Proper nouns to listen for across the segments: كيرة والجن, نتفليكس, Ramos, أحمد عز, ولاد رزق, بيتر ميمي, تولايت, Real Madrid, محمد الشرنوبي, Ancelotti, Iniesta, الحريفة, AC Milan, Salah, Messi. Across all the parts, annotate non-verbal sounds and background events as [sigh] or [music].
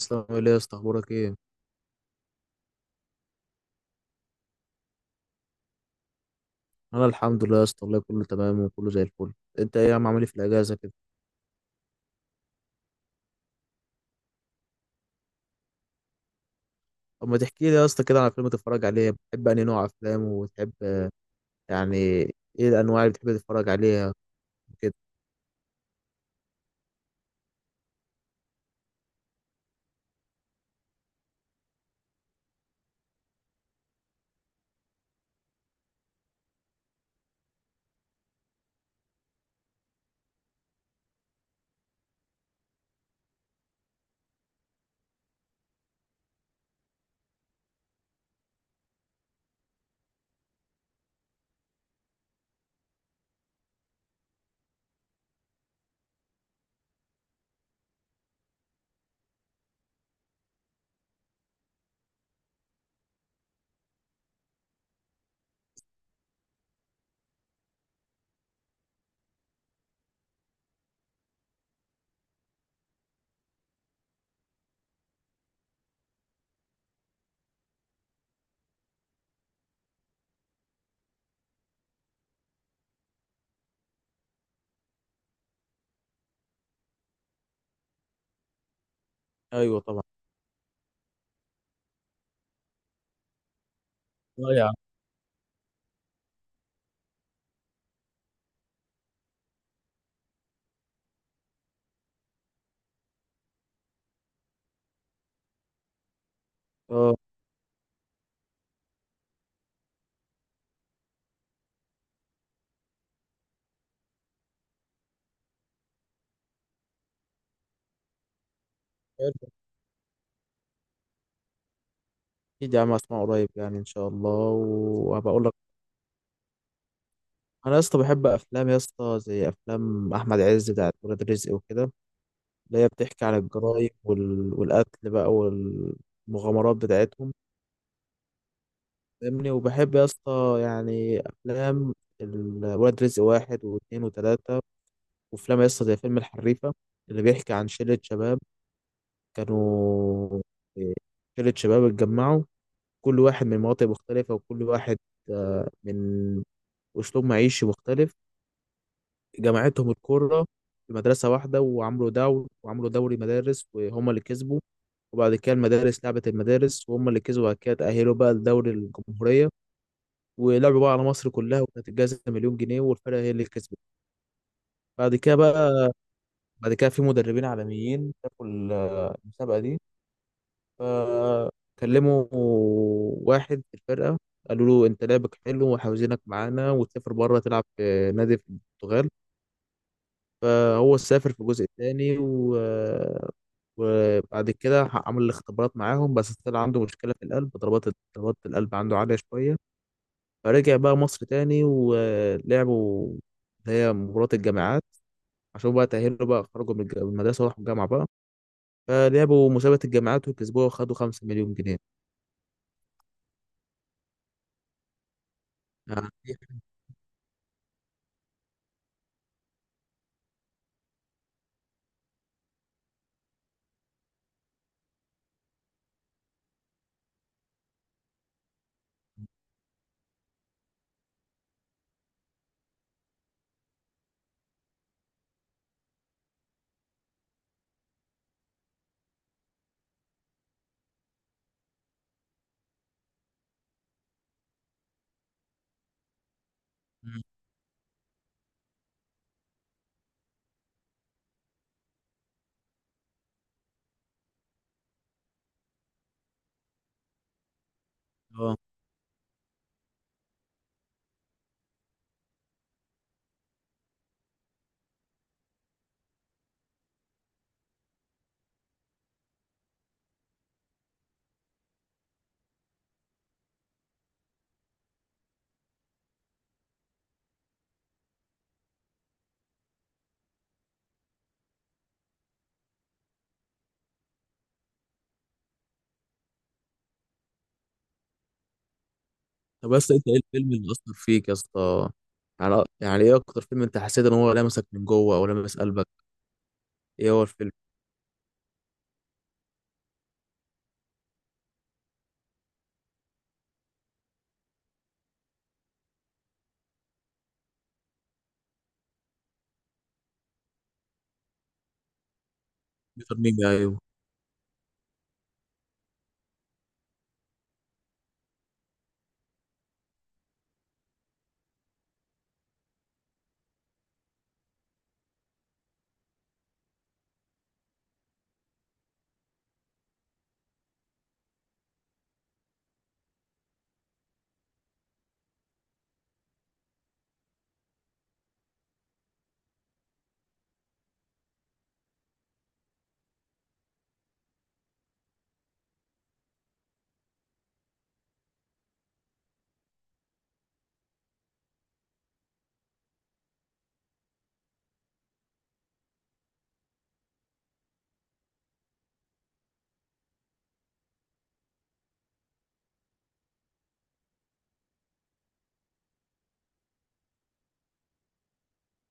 اسلام ايه يا اسطى؟ اخبارك ايه؟ انا الحمد لله يا اسطى والله كله تمام وكله زي الفل. انت ايه يا عم؟ عامل ايه في الاجازه كده؟ طب ما تحكي لي يا اسطى كده على فيلم تتفرج عليه، بتحب انهي نوع افلام وتحب، يعني، ايه الانواع اللي بتحب تتفرج عليها وكده؟ ايوه طبعا. اه يا عم. اه. اكيد يا عم، اسمع قريب يعني ان شاء الله وهبقى اقول لك. انا يا اسطى بحب افلام يا اسطى زي افلام احمد عز بتاعت ولاد رزق وكده، اللي هي بتحكي عن الجرايم وال... والقتل بقى والمغامرات بتاعتهم، فاهمني، وبحب يا اسطى يعني افلام الولد رزق واحد واثنين وثلاثة، وافلام يا اسطى زي فيلم الحريفة اللي بيحكي عن شلة شباب كانوا، آه، شلة شباب اتجمعوا، كل واحد من مناطق مختلفة، وكل واحد، من أسلوب معيشي مختلف. جمعتهم الكرة في مدرسة واحدة، وعملوا دوري، وعملوا دوري مدارس وهم اللي كسبوا، وبعد كده المدارس لعبت المدارس وهم اللي كسبوا. بعد كده تأهلوا بقى لدوري الجمهورية، ولعبوا بقى على مصر كلها، وكانت الجائزة مليون جنيه والفرقة هي اللي كسبت. بعد كده بقى، بعد كده في مدربين عالميين شافوا المسابقة دي، فكلموا واحد في الفرقة، قالوا له انت لعبك حلو وعاوزينك معانا، وتسافر بره تلعب في نادي في البرتغال. فهو سافر في الجزء الثاني و... وبعد كده عمل الاختبارات معاهم، بس طلع عنده مشكلة في القلب، ضربات القلب عنده عالية شوية، فرجع بقى مصر تاني ولعبوا اللي هي مباراة الجامعات، عشان بقى تأهلوا بقى، خرجوا من من المدرسة وراحوا الجامعة بقى، فلعبوا مسابقة الجامعات وكسبوها وخدوا 5 مليون جنيه. [laughs] يعني. مم. اه. طب بس انت ايه الفيلم اللي أثر فيك يا اسطى؟ يعني، يعني ايه أكتر فيلم انت حسيت ان هو لمسك من جوه أو لمس قلبك؟ ايه هو الفيلم؟ بيتر ميمي، أيوه.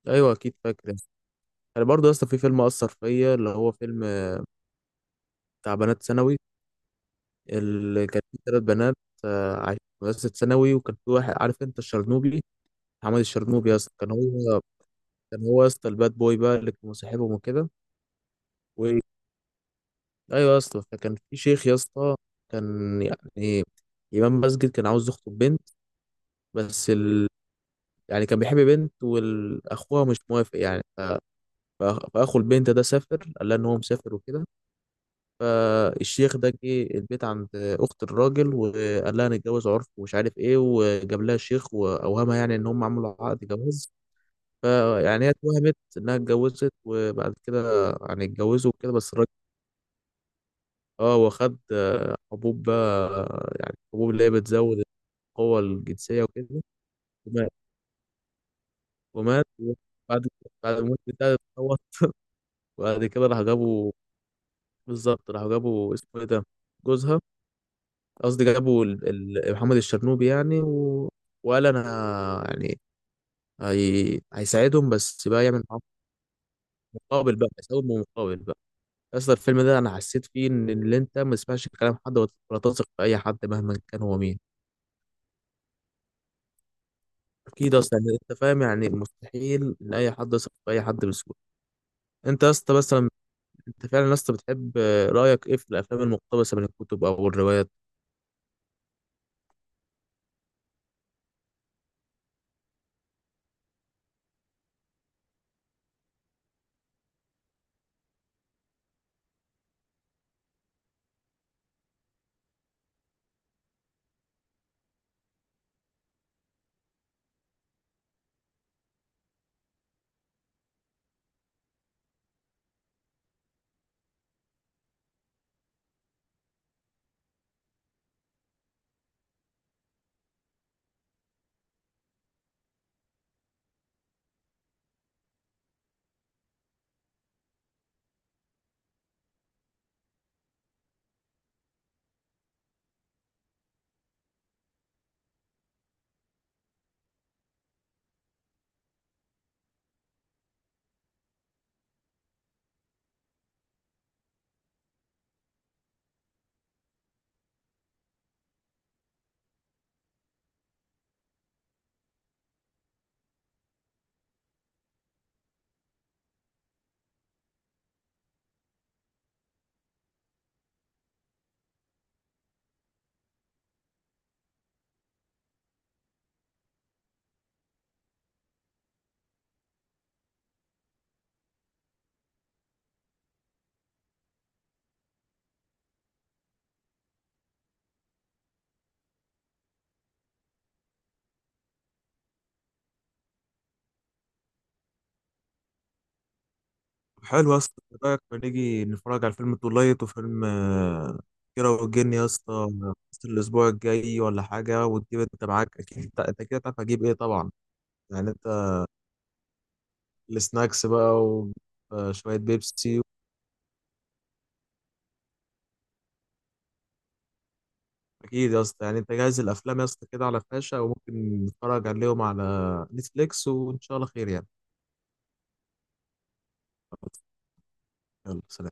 أيوه، أكيد فاكر. أنا برضه يا اسطى في فيلم أثر فيا اللي هو فيلم بتاع بنات ثانوي، اللي كان في 3 بنات، عايشين في مدرسة ثانوي، وكان في واحد، عارف انت، الشرنوبي، محمد الشرنوبي يا اسطى، كان هو، كان هو يا اسطى الباد بوي بقى اللي كان مصاحبهم وكده و... ايوه يا اسطى، فكان في شيخ يا اسطى، كان يعني إمام مسجد، كان عاوز يخطب بنت، بس ال... يعني كان بيحب بنت واخوها مش موافق يعني ف... فأخو البنت ده سافر، قال لها إن هو مسافر وكده. فالشيخ ده جه البيت عند اخت الراجل وقال لها نتجوز، عرف ومش عارف ايه، وجاب لها شيخ واوهمها يعني ان هم عملوا عقد جواز. فيعني هي اتوهمت انها اتجوزت، وبعد كده يعني اتجوزوا وكده، بس الراجل اه واخد حبوب بقى، يعني حبوب اللي هي بتزود القوة الجنسية وكده، ومات. ومات وبعد، بعد الموت بتاعه اتطور. وبعد كده راح جابوا، بالظبط راح جابوا، اسمه ايه ده، جوزها، قصدي جابوا محمد الشرنوبي يعني و... وقال انا يعني، هيساعدهم بس بقى يعمل معاهم مقابل بقى، يساوي مقابل بقى. اصلا الفيلم ده انا حسيت فيه ان اللي انت ما تسمعش كلام حد، ولا تثق في اي حد مهما كان هو مين. اكيد اصلا انت فاهم، يعني مستحيل ان اي حد يثق في اي حد بسهوله. انت يا اسطى مثلا، انت فعلا يا اسطى بتحب، رايك ايه في الافلام المقتبسه من الكتب او الروايات؟ حلو يا اسطى، إيه رايك ما نيجي نتفرج على فيلم تولايت وفيلم كيرة والجن يا اسطى في الاسبوع الجاي ولا حاجه، وتجيب انت معاك، اكيد أنت كده تعرف هجيب ايه طبعا. يعني انت، السناكس بقى وشويه بيبسي. اكيد يا اسطى، يعني انت جاهز الافلام يا اسطى كده على فلاشه، وممكن نتفرج عليهم على نتفليكس وان شاء الله خير يعني. يلا سلام.